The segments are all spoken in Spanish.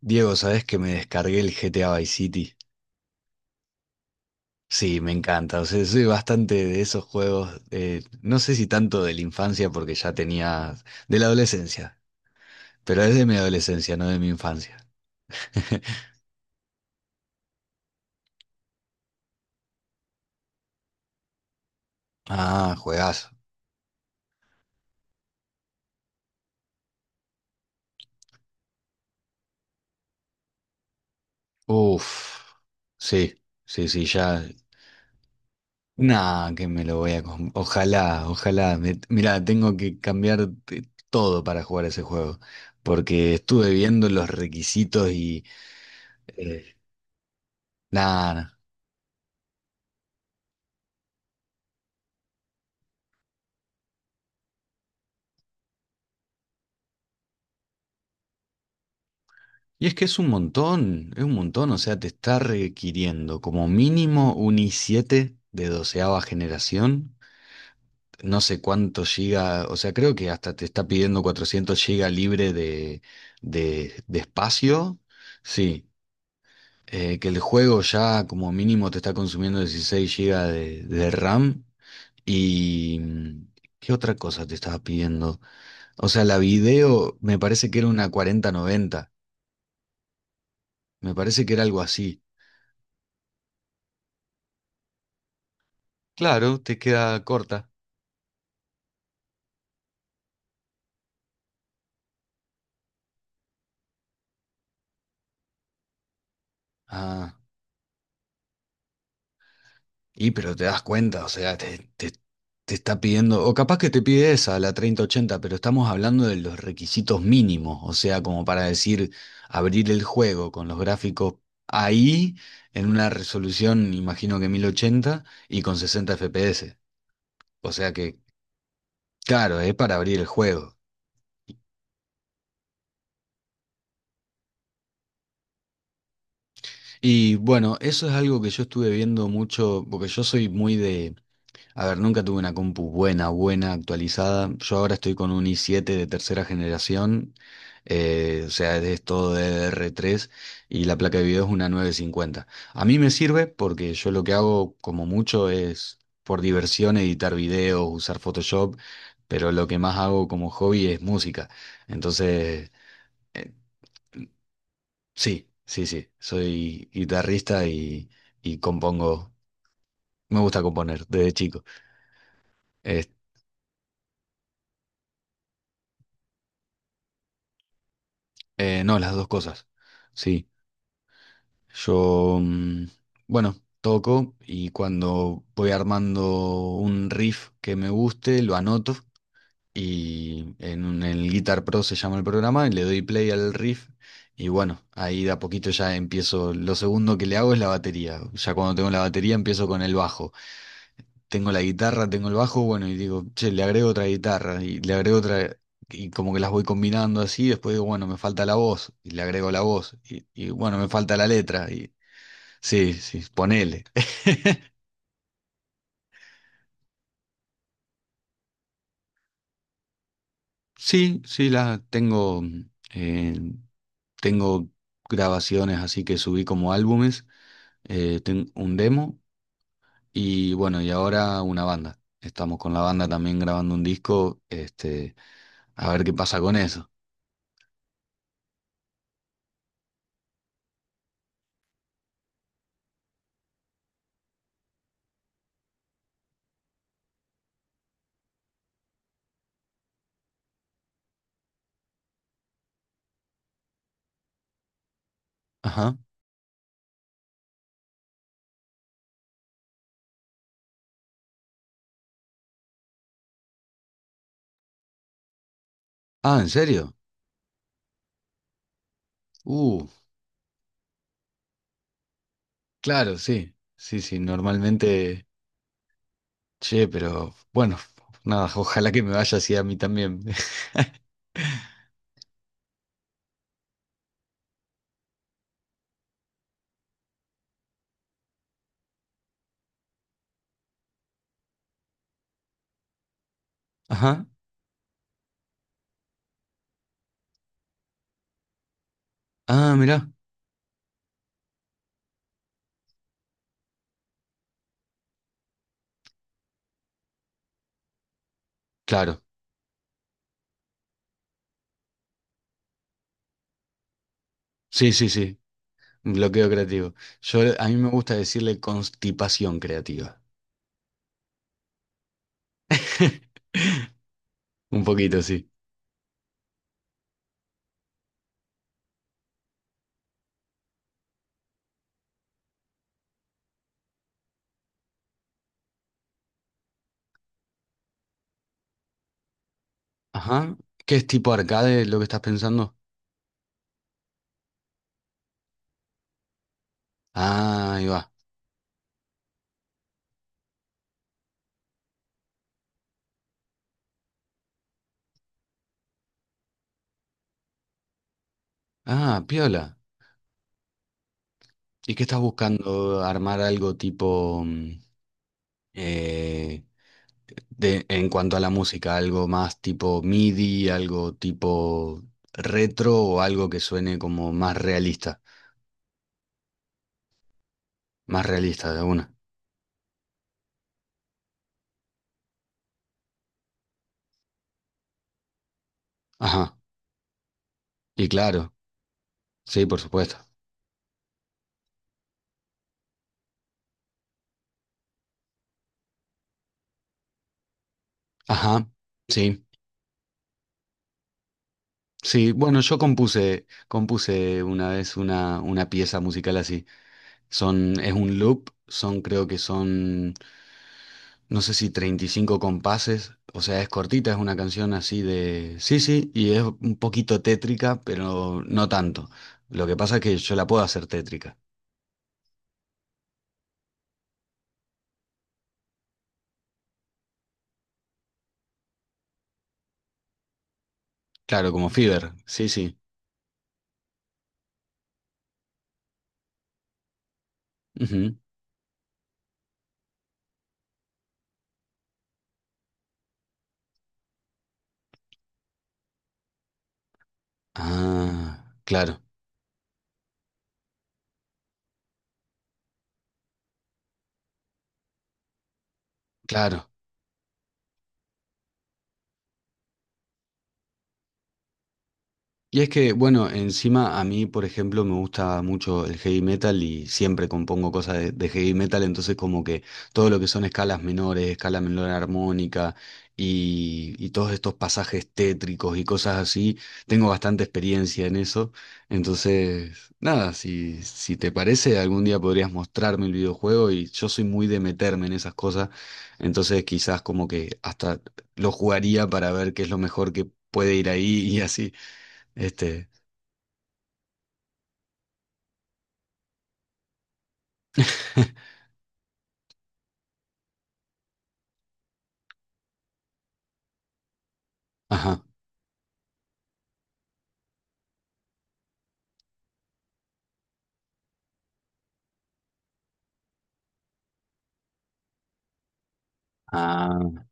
Diego, ¿sabes que me descargué el GTA Vice City? Sí, me encanta. O sea, soy bastante de esos juegos. No sé si tanto de la infancia, porque ya tenía. De la adolescencia. Pero es de mi adolescencia, no de mi infancia. Ah, juegazo. Uf. Sí, sí, sí, ya. Nah, que me lo voy a. Ojalá, ojalá. Mirá, tengo que cambiar todo para jugar ese juego. Porque estuve viendo los requisitos y. eh, nada. Y es que es un montón, o sea, te está requiriendo como mínimo un i7 de doceava generación, no sé cuánto giga, o sea, creo que hasta te está pidiendo 400 giga libre de espacio, sí, que el juego ya como mínimo te está consumiendo 16 giga de RAM y... mm, ¿qué otra cosa te estaba pidiendo? O sea, la video me parece que era una 4090, me parece que era algo así. Claro, te queda corta. Ah, y pero te das cuenta, o sea, te está pidiendo, o capaz que te pide esa, la 3080, pero estamos hablando de los requisitos mínimos, o sea, como para decir, abrir el juego con los gráficos ahí, en una resolución, imagino que 1080 y con 60 FPS. O sea que, claro, es para abrir el juego. Y bueno, eso es algo que yo estuve viendo mucho, porque yo soy muy de a ver, nunca tuve una compu buena, buena, actualizada. Yo ahora estoy con un i7 de tercera generación, o sea, es todo D D r 3 y la placa de video es una 950. A mí me sirve porque yo lo que hago como mucho es por diversión editar videos, usar Photoshop, pero lo que más hago como hobby es música. Entonces, eh, sí, sí, sí, soy guitarrista y compongo, me gusta componer desde chico. No, las dos cosas. Sí, yo, bueno, toco y cuando voy armando un riff que me guste, lo anoto y el Guitar Pro se llama el programa y le doy play al riff y bueno, ahí de a poquito ya empiezo. Lo segundo que le hago es la batería. Ya cuando tengo la batería empiezo con el bajo, tengo la guitarra, tengo el bajo, bueno, y digo, che, le agrego otra guitarra y le agrego otra, y como que las voy combinando así, después digo, bueno, me falta la voz, y le agrego la voz, y bueno, me falta la letra, y sí, sí, ponele. Sí, sí, la tengo, eh, tengo grabaciones así que subí como álbumes, tengo un demo y bueno, y ahora una banda. Estamos con la banda también grabando un disco, este, a ver qué pasa con eso. Ajá. Ah, ¿en serio? Uh, Claro, sí, sí, sí, normalmente, che, pero bueno, nada, ojalá que me vaya así a mí también. Ajá, ah, mirá, claro, sí, sí, sí, bloqueo creativo. Yo, a mí me gusta decirle constipación creativa. Un poquito, sí. Ajá, ¿qué es tipo arcade lo que estás pensando? Ah, ahí va. Ah, piola. ¿Y qué estás buscando? ¿Armar algo tipo eh, de, en cuanto a la música, algo más tipo MIDI, algo tipo retro o algo que suene como más realista de una. Ajá, y claro, sí, por supuesto. Ajá, sí, sí, bueno, compuse una vez una pieza musical así. Son, es un loop, son creo que son no sé si 35 compases, o sea, es cortita, es una canción así de... Sí, sí, y es un poquito tétrica, pero no tanto. Lo que pasa es que yo la puedo hacer tétrica. Claro, como Fever, sí, sí. Ujú. Ah, claro, claro. Y es que, bueno, encima a mí, por ejemplo, me gusta mucho el heavy metal y siempre compongo cosas de heavy metal, entonces como que todo lo que son escalas menores, escala menor armónica y todos estos pasajes tétricos y cosas así, tengo bastante experiencia en eso. Entonces, nada, si, si te parece, algún día podrías mostrarme el videojuego y yo soy muy de meterme en esas cosas, entonces quizás como que hasta lo jugaría para ver qué es lo mejor que puede ir ahí y así. Este, ajá, ah,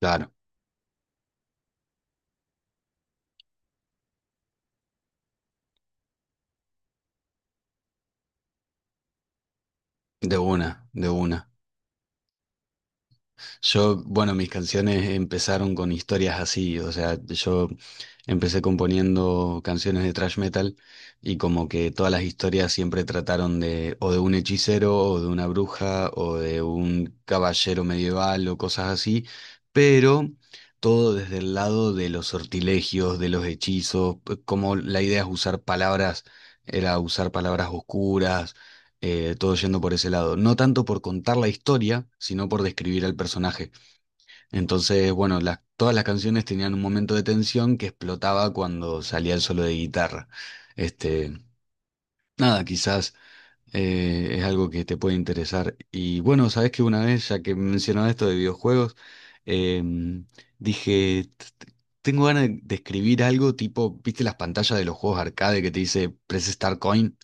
claro, de una, de una. Yo, bueno, mis canciones empezaron con historias así, o sea, yo empecé componiendo canciones de thrash metal y como que todas las historias siempre trataron de o de un hechicero o de una bruja o de un caballero medieval o cosas así, pero todo desde el lado de los sortilegios, de los hechizos, como la idea es usar palabras, era usar palabras oscuras, todo yendo por ese lado. No tanto por contar la historia, sino por describir al personaje. Entonces, bueno, todas las canciones tenían un momento de tensión que explotaba cuando salía el solo de guitarra. Este, nada, quizás es algo que te puede interesar. Y bueno, sabes que una vez, ya que mencionaba esto de videojuegos, em, dije, tengo ganas de escribir algo tipo, ¿viste las pantallas de los juegos arcade que te dice Press Start Coin?"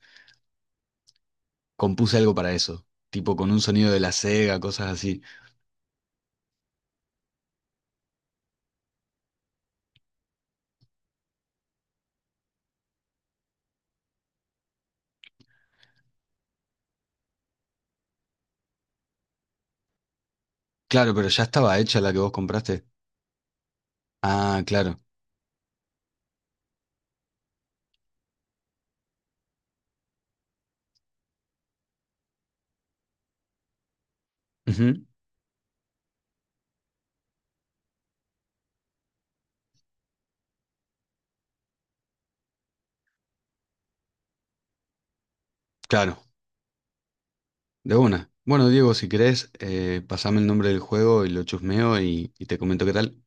Compuse algo para eso, tipo con un sonido de la Sega, cosas así. Claro, pero ya estaba hecha la que vos compraste. Ah, claro. Ujú. Claro. De una. Bueno, Diego, si querés, pasame el nombre del juego y lo chusmeo y te comento qué tal.